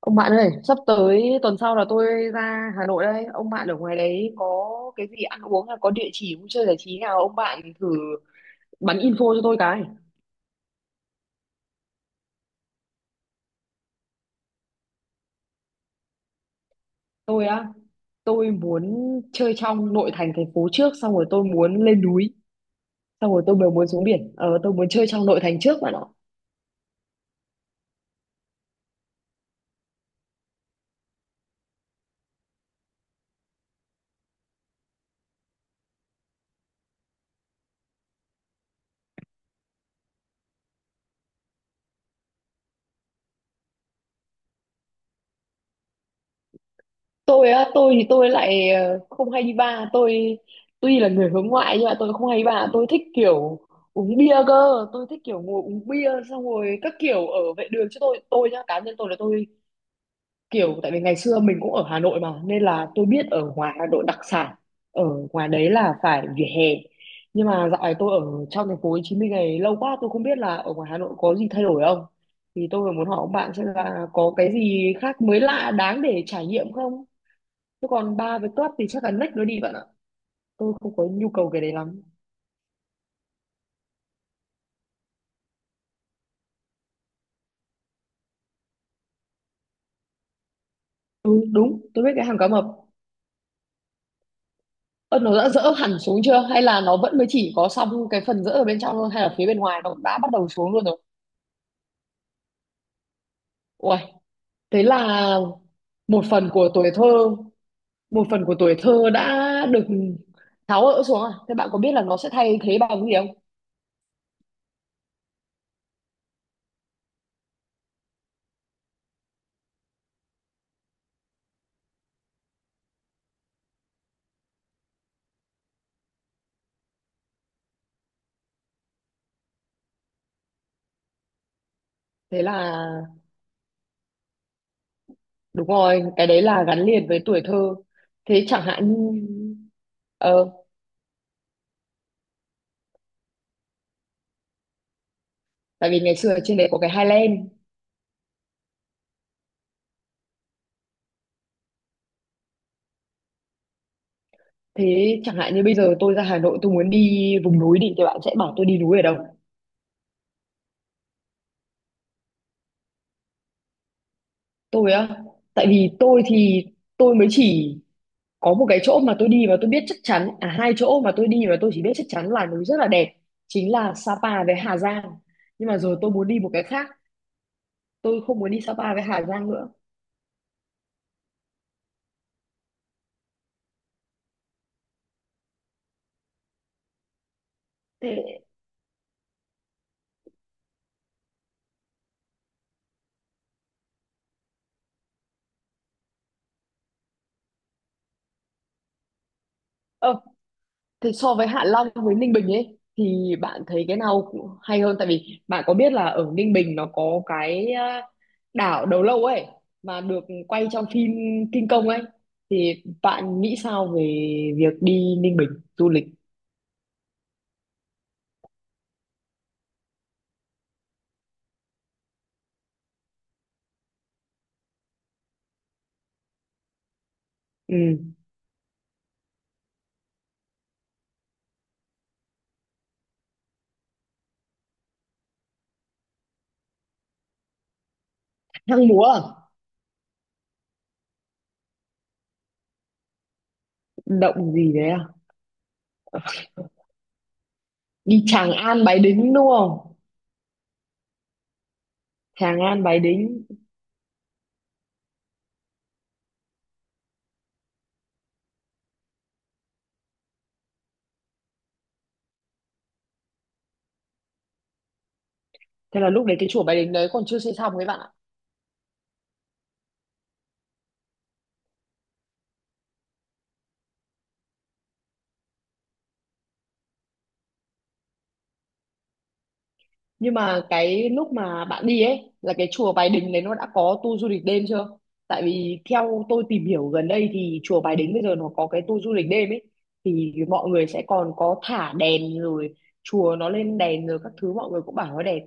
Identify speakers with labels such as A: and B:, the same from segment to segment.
A: Ông bạn ơi, sắp tới tuần sau là tôi ra Hà Nội đây. Ông bạn ở ngoài đấy có cái gì ăn uống hay có địa chỉ vui chơi giải trí nào ông bạn thử bắn info cho tôi cái. Tôi á, tôi muốn chơi trong nội thành thành phố trước, xong rồi tôi muốn lên núi, xong rồi tôi mới muốn xuống biển. Ờ tôi muốn chơi trong nội thành trước bạn ạ. Tôi á, tôi thì tôi lại không hay đi bar. Tôi tuy là người hướng ngoại nhưng mà tôi không hay đi bar, tôi thích kiểu uống bia cơ. Tôi thích kiểu ngồi uống bia xong rồi các kiểu ở vệ đường, chứ tôi nhá, cá nhân tôi là tôi kiểu, tại vì ngày xưa mình cũng ở Hà Nội mà, nên là tôi biết ở ngoài Hà Nội đặc sản ở ngoài đấy là phải vỉa hè. Nhưng mà dạo này tôi ở trong thành phố Hồ Chí Minh này lâu quá, tôi không biết là ở ngoài Hà Nội có gì thay đổi không, thì tôi muốn hỏi ông bạn xem là có cái gì khác mới lạ đáng để trải nghiệm không, chứ còn bar với club thì chắc là next nó đi bạn ạ. Tôi không có nhu cầu cái đấy lắm. Ừ đúng, tôi biết cái hàng cá mập. Ơ, nó đã dỡ hẳn xuống chưa, hay là nó vẫn mới chỉ có xong cái phần dỡ ở bên trong thôi, hay là phía bên ngoài nó đã bắt đầu xuống luôn rồi? Ui, thế là một phần của tuổi thơ, một phần của tuổi thơ đã được tháo gỡ xuống à. Thế bạn có biết là nó sẽ thay thế bằng cái gì không? Thế là đúng rồi, cái đấy là gắn liền với tuổi thơ. Thế chẳng hạn như ờ tại vì ngày xưa ở trên đấy có cái Highland. Thế chẳng hạn như bây giờ tôi ra Hà Nội, tôi muốn đi vùng núi đi thì bạn sẽ bảo tôi đi núi ở đâu? Tôi á, tại vì tôi thì tôi mới chỉ có một cái chỗ mà tôi đi và tôi biết chắc chắn, à hai chỗ mà tôi đi và tôi chỉ biết chắc chắn là núi rất là đẹp, chính là Sapa với Hà Giang. Nhưng mà rồi tôi muốn đi một cái khác, tôi không muốn đi Sapa với Hà Giang nữa. Thế ờ thì so với Hạ Long với Ninh Bình ấy thì bạn thấy cái nào hay hơn? Tại vì bạn có biết là ở Ninh Bình nó có cái à, đảo Đầu Lâu ấy, mà được quay trong phim King Kong ấy, thì bạn nghĩ sao về việc đi Ninh Bình du lịch? Ừ. Hang múa à? Động gì đấy à? Đi Tràng An Bái Đính đúng không? Tràng An Bái Đính. Thế là lúc đấy cái chùa Bái Đính đấy còn chưa xây xong ấy bạn ạ. Nhưng mà cái lúc mà bạn đi ấy là cái chùa Bái Đính đấy nó đã có tour du lịch đêm chưa? Tại vì theo tôi tìm hiểu gần đây thì chùa Bái Đính bây giờ nó có cái tour du lịch đêm ấy, thì mọi người sẽ còn có thả đèn rồi chùa nó lên đèn rồi các thứ, mọi người cũng bảo nó đẹp.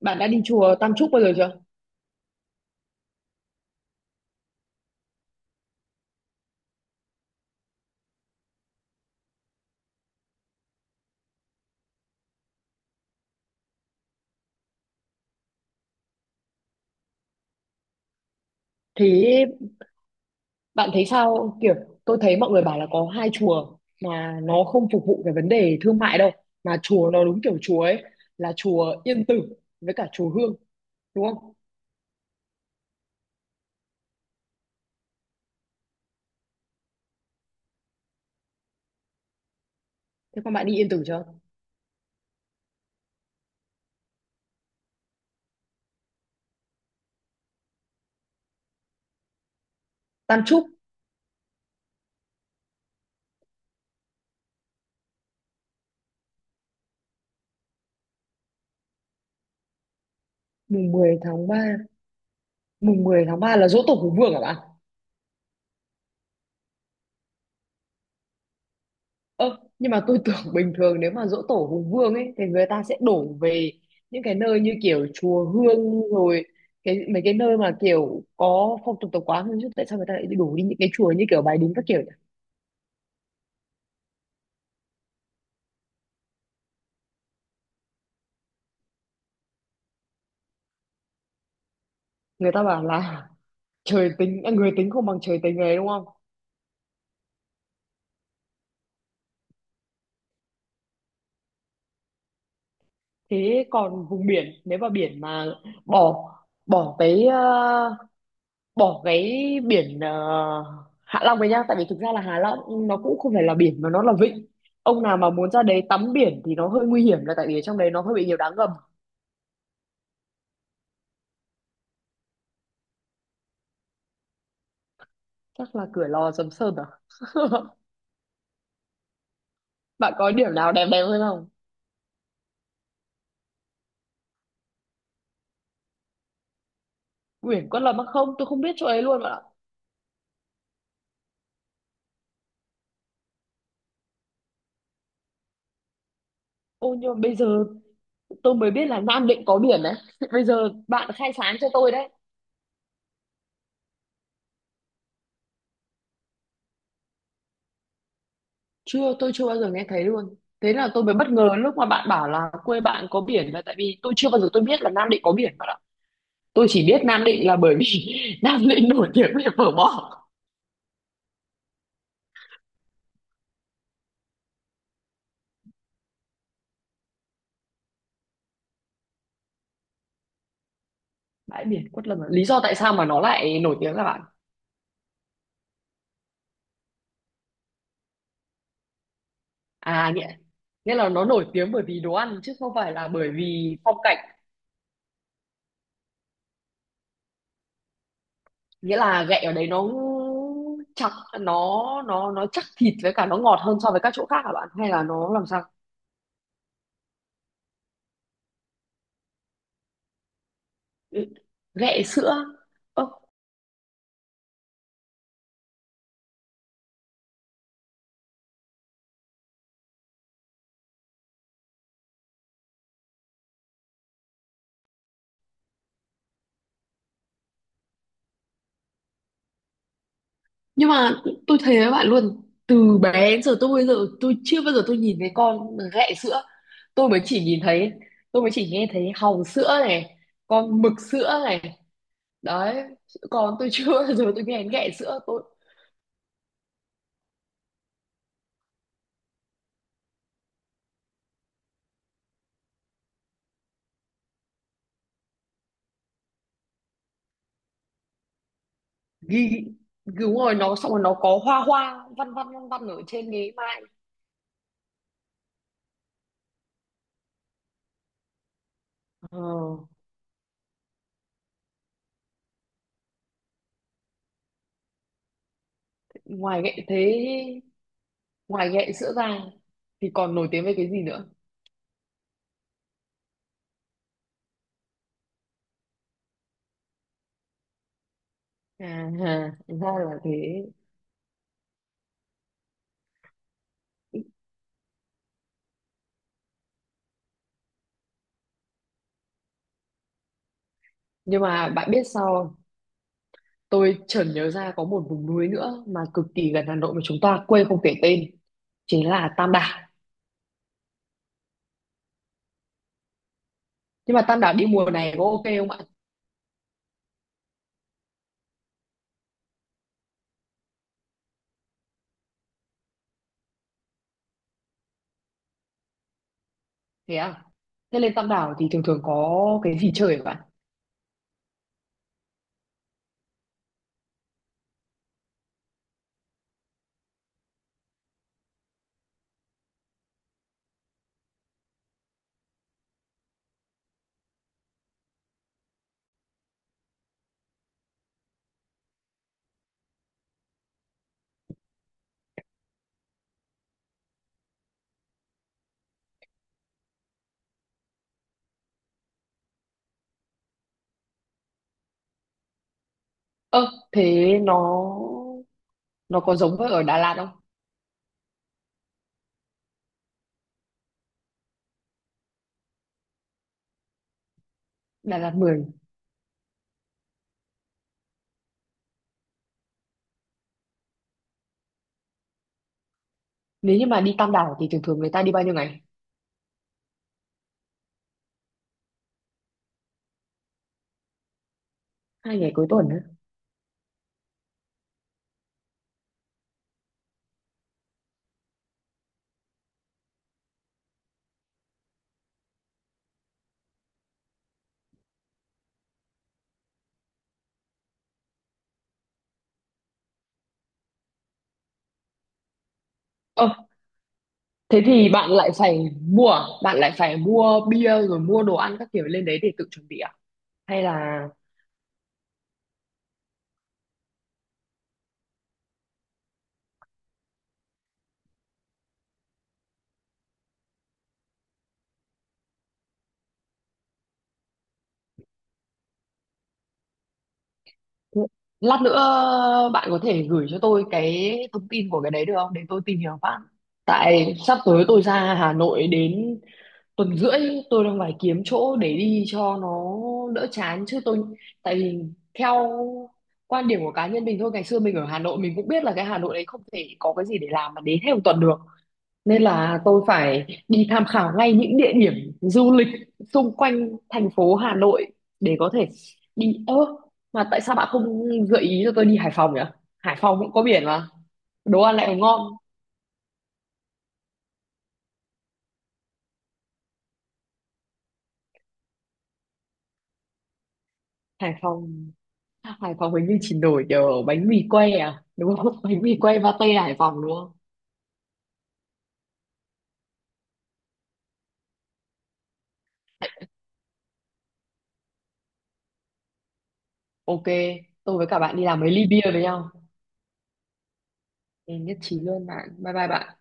A: Bạn đã đi chùa Tam Trúc bao giờ chưa? Thế bạn thấy sao? Kiểu tôi thấy mọi người bảo là có hai chùa mà nó không phục vụ cái vấn đề thương mại đâu, mà chùa nó đúng kiểu chùa ấy, là chùa Yên Tử với cả chùa Hương, đúng không? Thế con bạn đi Yên Tử chưa? Tam trúc. mùng 10 tháng 3, mùng 10 tháng 3 là giỗ tổ Hùng Vương hả bạn? Ơ, nhưng mà tôi tưởng bình thường nếu mà giỗ tổ Hùng Vương ấy thì người ta sẽ đổ về những cái nơi như kiểu chùa Hương rồi, cái mấy cái nơi mà kiểu có phong tục tập quán hơn, chứ tại sao người ta lại đổ đi những cái chùa như kiểu Bái Đính các kiểu nhỉ? Người ta bảo là trời tính à, người tính không bằng trời tính ấy đúng không? Thế còn vùng biển, nếu mà biển mà bỏ bỏ tới ờ, bỏ cái biển ờ, Hạ Long này nhá, tại vì thực ra là Hạ Long nó cũng không phải là biển mà nó là vịnh. Ông nào mà muốn ra đấy tắm biển thì nó hơi nguy hiểm, là tại vì ở trong đấy nó hơi bị nhiều đá ngầm. Chắc là Cửa Lò Sầm Sơn à. Bạn có điểm nào đẹp đẹp hơn không? Biển Quất Lâm á? Không, tôi không biết chỗ ấy luôn bạn ạ. Ô, nhưng mà bây giờ tôi mới biết là Nam Định có biển đấy. Bây giờ bạn khai sáng cho tôi đấy. Chưa, tôi chưa bao giờ nghe thấy luôn. Thế là tôi mới bất ngờ lúc mà bạn bảo là quê bạn có biển, là tại vì tôi chưa bao giờ tôi biết là Nam Định có biển bạn ạ. Tôi chỉ biết Nam Định là bởi vì Nam Định nổi tiếng về phở bò. Bãi biển Quất Lâm à? Lý do tại sao mà nó lại nổi tiếng là bạn? À, nghĩa nghĩa là nó nổi tiếng bởi vì đồ ăn chứ không phải là bởi vì phong cảnh? Nghĩa là gậy ở đấy nó chắc, nó chắc thịt với cả nó ngọt hơn so với các chỗ khác hả bạn, hay là nó làm sao? Ừ, ghẹ sữa. Nhưng mà tôi thấy với bạn luôn, từ bé đến giờ tôi, bây giờ tôi chưa bao giờ tôi nhìn thấy con ghẹ sữa. Tôi mới chỉ nhìn thấy, tôi mới chỉ nghe thấy hàu sữa này, con mực sữa này, đấy, còn tôi chưa bao giờ tôi nghe đến ghẹ sữa tôi. Ghi, đúng rồi, nó xong rồi nó có hoa hoa văn văn văn văn ở trên cái mai. Ờ, ngoài ghẹ thế, ngoài ghẹ sữa ra thì còn nổi tiếng với cái gì nữa? À, ha, ra là thế. Nhưng mà bạn biết sao không? Tôi chợt nhớ ra có một vùng núi nữa mà cực kỳ gần Hà Nội mà chúng ta quê không kể tên, chính là Tam Đảo. Nhưng mà Tam Đảo đi mùa này có ok không ạ? Thế à? Thế lên Tam Đảo thì thường thường có cái gì chơi vậy ạ? Ơ, thế nó có giống với ở Đà Lạt không? Đà Lạt 10. Nếu như mà đi Tam Đảo thì thường thường người ta đi bao nhiêu ngày? 2 ngày cuối tuần á. Ơ, thế thì bạn lại phải mua, à, bạn lại phải mua bia rồi mua đồ ăn các kiểu lên đấy để tự chuẩn bị à? Hay là lát nữa bạn có thể gửi cho tôi cái thông tin của cái đấy được không, để tôi tìm hiểu phát? Tại sắp tới tôi ra Hà Nội đến tuần rưỡi, tôi đang phải kiếm chỗ để đi cho nó đỡ chán chứ tôi, tại vì theo quan điểm của cá nhân mình thôi, ngày xưa mình ở Hà Nội mình cũng biết là cái Hà Nội đấy không thể có cái gì để làm mà đến hết một tuần được, nên là tôi phải đi tham khảo ngay những địa điểm du lịch xung quanh thành phố Hà Nội để có thể đi. Ơ, mà tại sao bạn không gợi ý cho tôi đi Hải Phòng nhỉ? Hải Phòng cũng có biển mà đồ ăn lại còn ngon. Hải Phòng, Hải Phòng hình như chỉ nổi nhờ bánh mì quay à đúng không? Bánh mì quay pate Hải Phòng đúng không? Ok, tôi với cả bạn đi làm mấy ly bia với nhau. Ừ, nhất trí luôn bạn. Bye bye bạn.